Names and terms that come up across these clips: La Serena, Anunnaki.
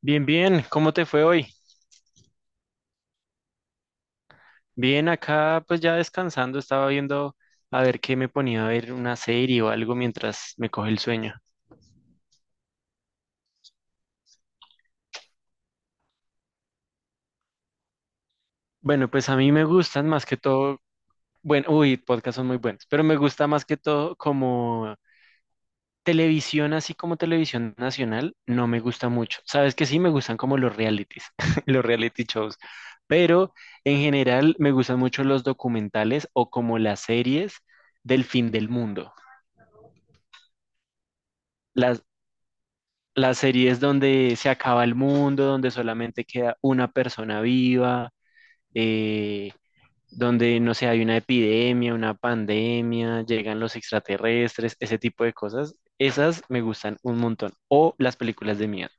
Bien, bien, ¿cómo te fue hoy? Bien, acá pues ya descansando, estaba viendo a ver qué me ponía, a ver una serie o algo mientras me coge el sueño. Bueno, pues a mí me gustan más que todo, bueno, podcasts son muy buenos, pero me gusta más que todo como televisión. Así como televisión nacional, no me gusta mucho. Sabes que sí, me gustan como los realities, los reality shows, pero en general me gustan mucho los documentales o como las series del fin del mundo. Las, las series donde se acaba el mundo, donde solamente queda una persona viva, eh, donde, no sé, hay una epidemia, una pandemia, llegan los extraterrestres, ese tipo de cosas, esas me gustan un montón. O las películas de miedo.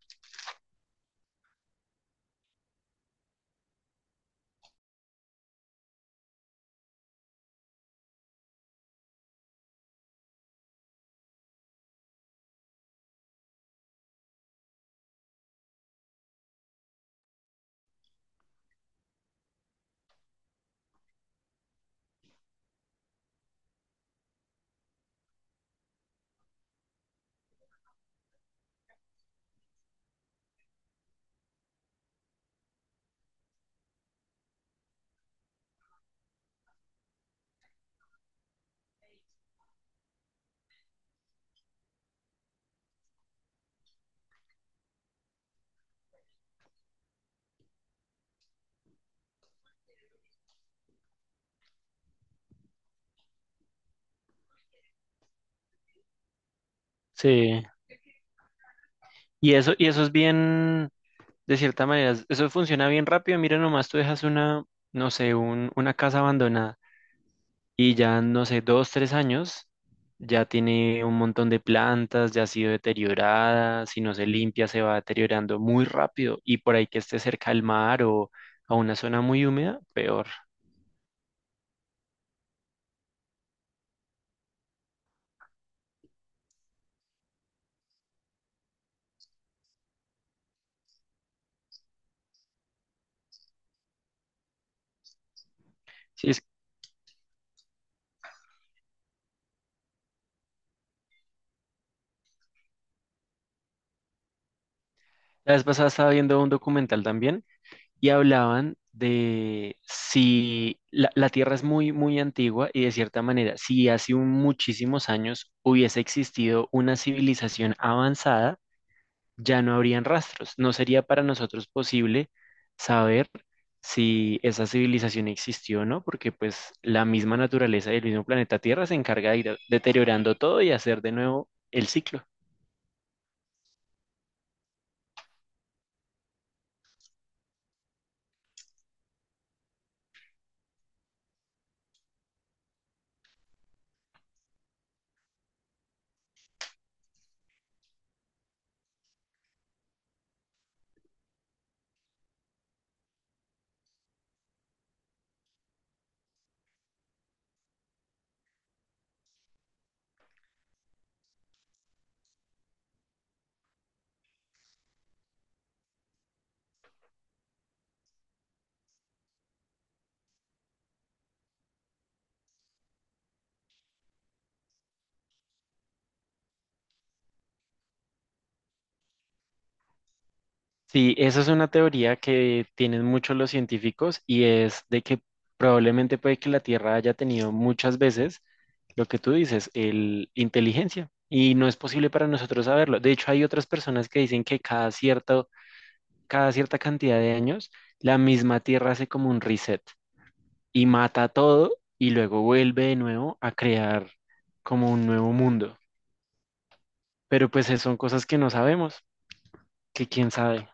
Sí. Y eso es bien, de cierta manera, eso funciona bien rápido. Mira, nomás tú dejas una, no sé, una casa abandonada y ya, no sé, dos, tres años, ya tiene un montón de plantas, ya ha sido deteriorada, si no se limpia se va deteriorando muy rápido, y por ahí que esté cerca al mar o a una zona muy húmeda, peor. Sí, la vez pasada estaba viendo un documental también y hablaban de si la Tierra es muy, muy antigua, y de cierta manera, si hace muchísimos años hubiese existido una civilización avanzada, ya no habrían rastros. No sería para nosotros posible saber si esa civilización existió o no, porque pues la misma naturaleza del mismo planeta Tierra se encarga de ir deteriorando todo y hacer de nuevo el ciclo. Sí, esa es una teoría que tienen muchos los científicos, y es de que probablemente puede que la Tierra haya tenido muchas veces lo que tú dices, el inteligencia. Y no es posible para nosotros saberlo. De hecho, hay otras personas que dicen que cada cierta cantidad de años, la misma Tierra hace como un reset y mata todo, y luego vuelve de nuevo a crear como un nuevo mundo. Pero pues son cosas que no sabemos, que quién sabe.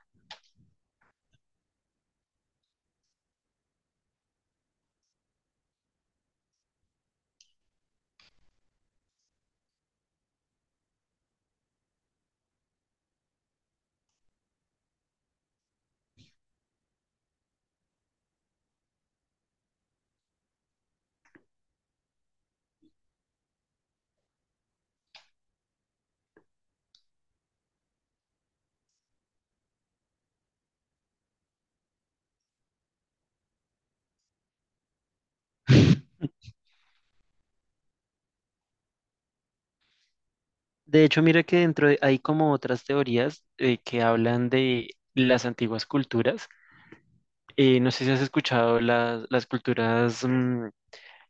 De hecho, mira que hay como otras teorías, que hablan de las antiguas culturas. No sé si has escuchado las culturas,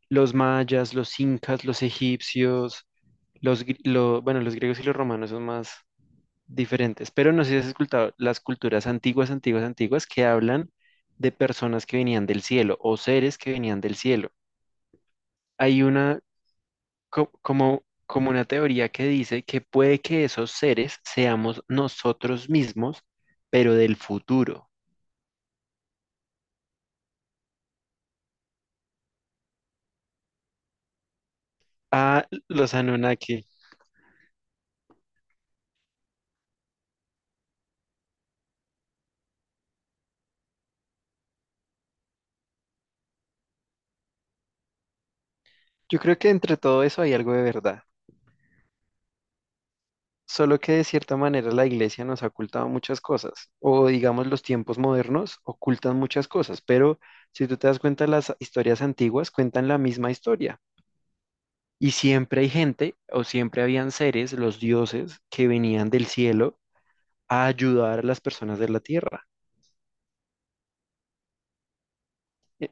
los mayas, los incas, los egipcios, los, bueno, los griegos y los romanos son más diferentes, pero no sé si has escuchado las culturas antiguas, antiguas, antiguas, que hablan de personas que venían del cielo o seres que venían del cielo. Hay una como como una teoría que dice que puede que esos seres seamos nosotros mismos, pero del futuro. Ah, los Anunnaki. Yo creo que entre todo eso hay algo de verdad. Solo que de cierta manera la iglesia nos ha ocultado muchas cosas, o digamos los tiempos modernos ocultan muchas cosas, pero si tú te das cuenta, las historias antiguas cuentan la misma historia. Y siempre hay gente, o siempre habían seres, los dioses, que venían del cielo a ayudar a las personas de la tierra. Eh,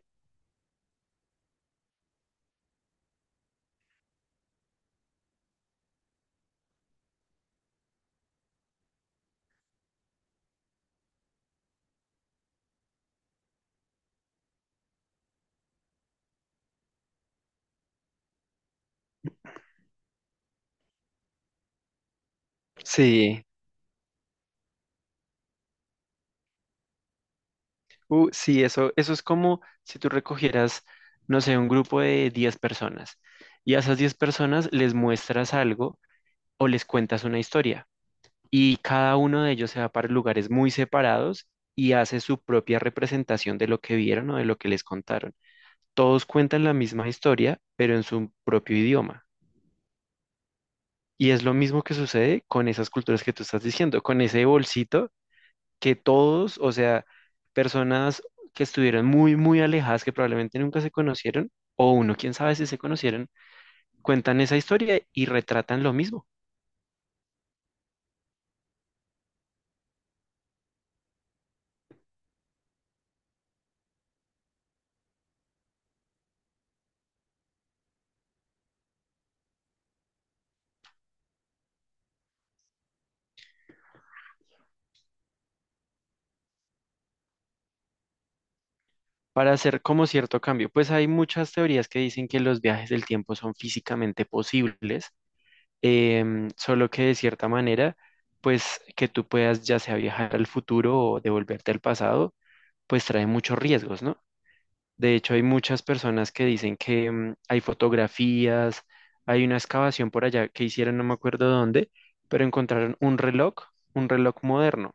Sí, sí, eso es como si tú recogieras, no sé, un grupo de 10 personas, y a esas 10 personas les muestras algo o les cuentas una historia, y cada uno de ellos se va para lugares muy separados y hace su propia representación de lo que vieron o de lo que les contaron. Todos cuentan la misma historia, pero en su propio idioma. Y es lo mismo que sucede con esas culturas que tú estás diciendo, con ese bolsito, que todos, o sea, personas que estuvieron muy, muy alejadas, que probablemente nunca se conocieron, o uno, quién sabe si se conocieron, cuentan esa historia y retratan lo mismo. Para hacer como cierto cambio. Pues hay muchas teorías que dicen que los viajes del tiempo son físicamente posibles. Solo que de cierta manera, pues que tú puedas ya sea viajar al futuro o devolverte al pasado, pues trae muchos riesgos, ¿no? De hecho, hay muchas personas que dicen que, hay fotografías, hay una excavación por allá que hicieron, no me acuerdo dónde, pero encontraron un reloj moderno,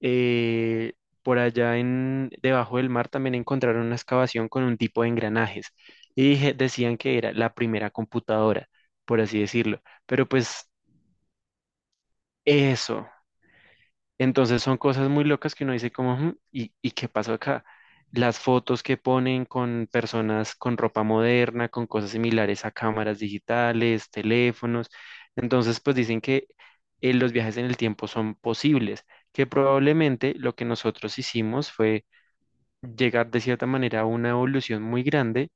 eh, por allá en, debajo del mar también encontraron una excavación con un tipo de engranajes, y decían que era la primera computadora, por así decirlo. Pero pues eso, entonces son cosas muy locas que uno dice como, "Ujú, y qué pasó acá? Las fotos que ponen con personas con ropa moderna, con cosas similares a cámaras digitales, teléfonos. Entonces pues dicen que, los viajes en el tiempo son posibles, que probablemente lo que nosotros hicimos fue llegar de cierta manera a una evolución muy grande,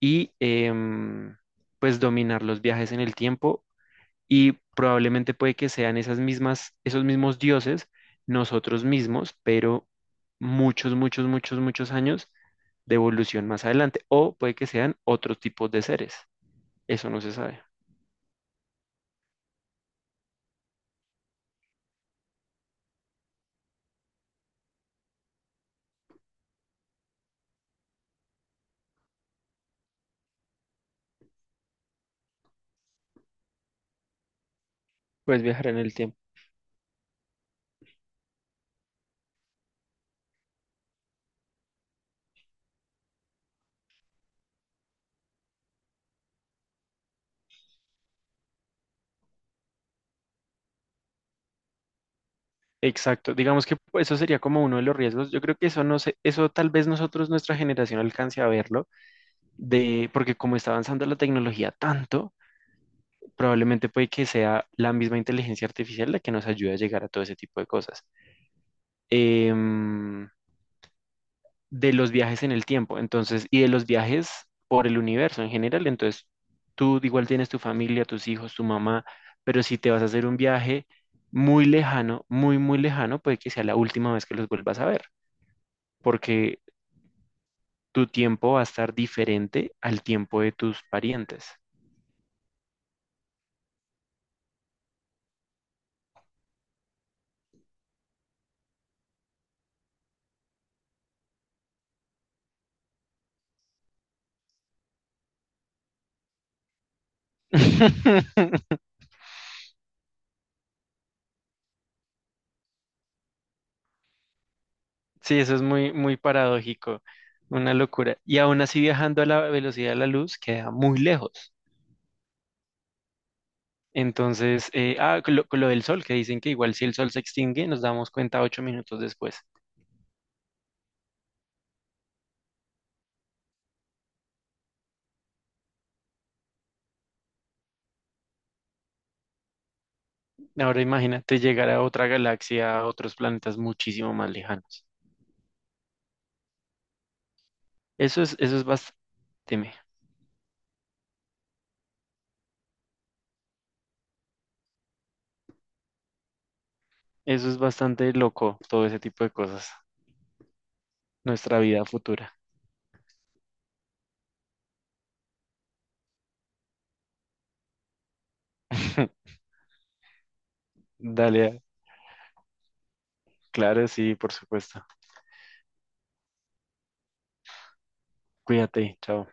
y pues dominar los viajes en el tiempo, y probablemente puede que sean esas mismas, esos mismos dioses, nosotros mismos, pero muchos, muchos, muchos, muchos años de evolución más adelante, o puede que sean otros tipos de seres, eso no se sabe. Puedes viajar en el tiempo. Exacto, digamos que pues, eso sería como uno de los riesgos. Yo creo que eso, no sé, eso tal vez nosotros, nuestra generación alcance a verlo, de, porque como está avanzando la tecnología tanto, probablemente puede que sea la misma inteligencia artificial la que nos ayude a llegar a todo ese tipo de cosas. Em, de los viajes en el tiempo, entonces, y de los viajes por el universo en general, entonces, tú igual tienes tu familia, tus hijos, tu mamá, pero si te vas a hacer un viaje muy lejano, muy, muy lejano, puede que sea la última vez que los vuelvas a ver, porque tu tiempo va a estar diferente al tiempo de tus parientes. Sí, eso es muy, muy paradójico, una locura. Y aún así, viajando a la velocidad de la luz, queda muy lejos. Entonces, con lo del sol, que dicen que igual si el sol se extingue, nos damos cuenta 8 minutos después. Ahora imagínate llegar a otra galaxia, a otros planetas muchísimo más lejanos. Eso es, eso es bastante, eso es bastante loco, todo ese tipo de cosas. Nuestra vida futura. Dale, claro, sí, por supuesto. Cuídate, chao.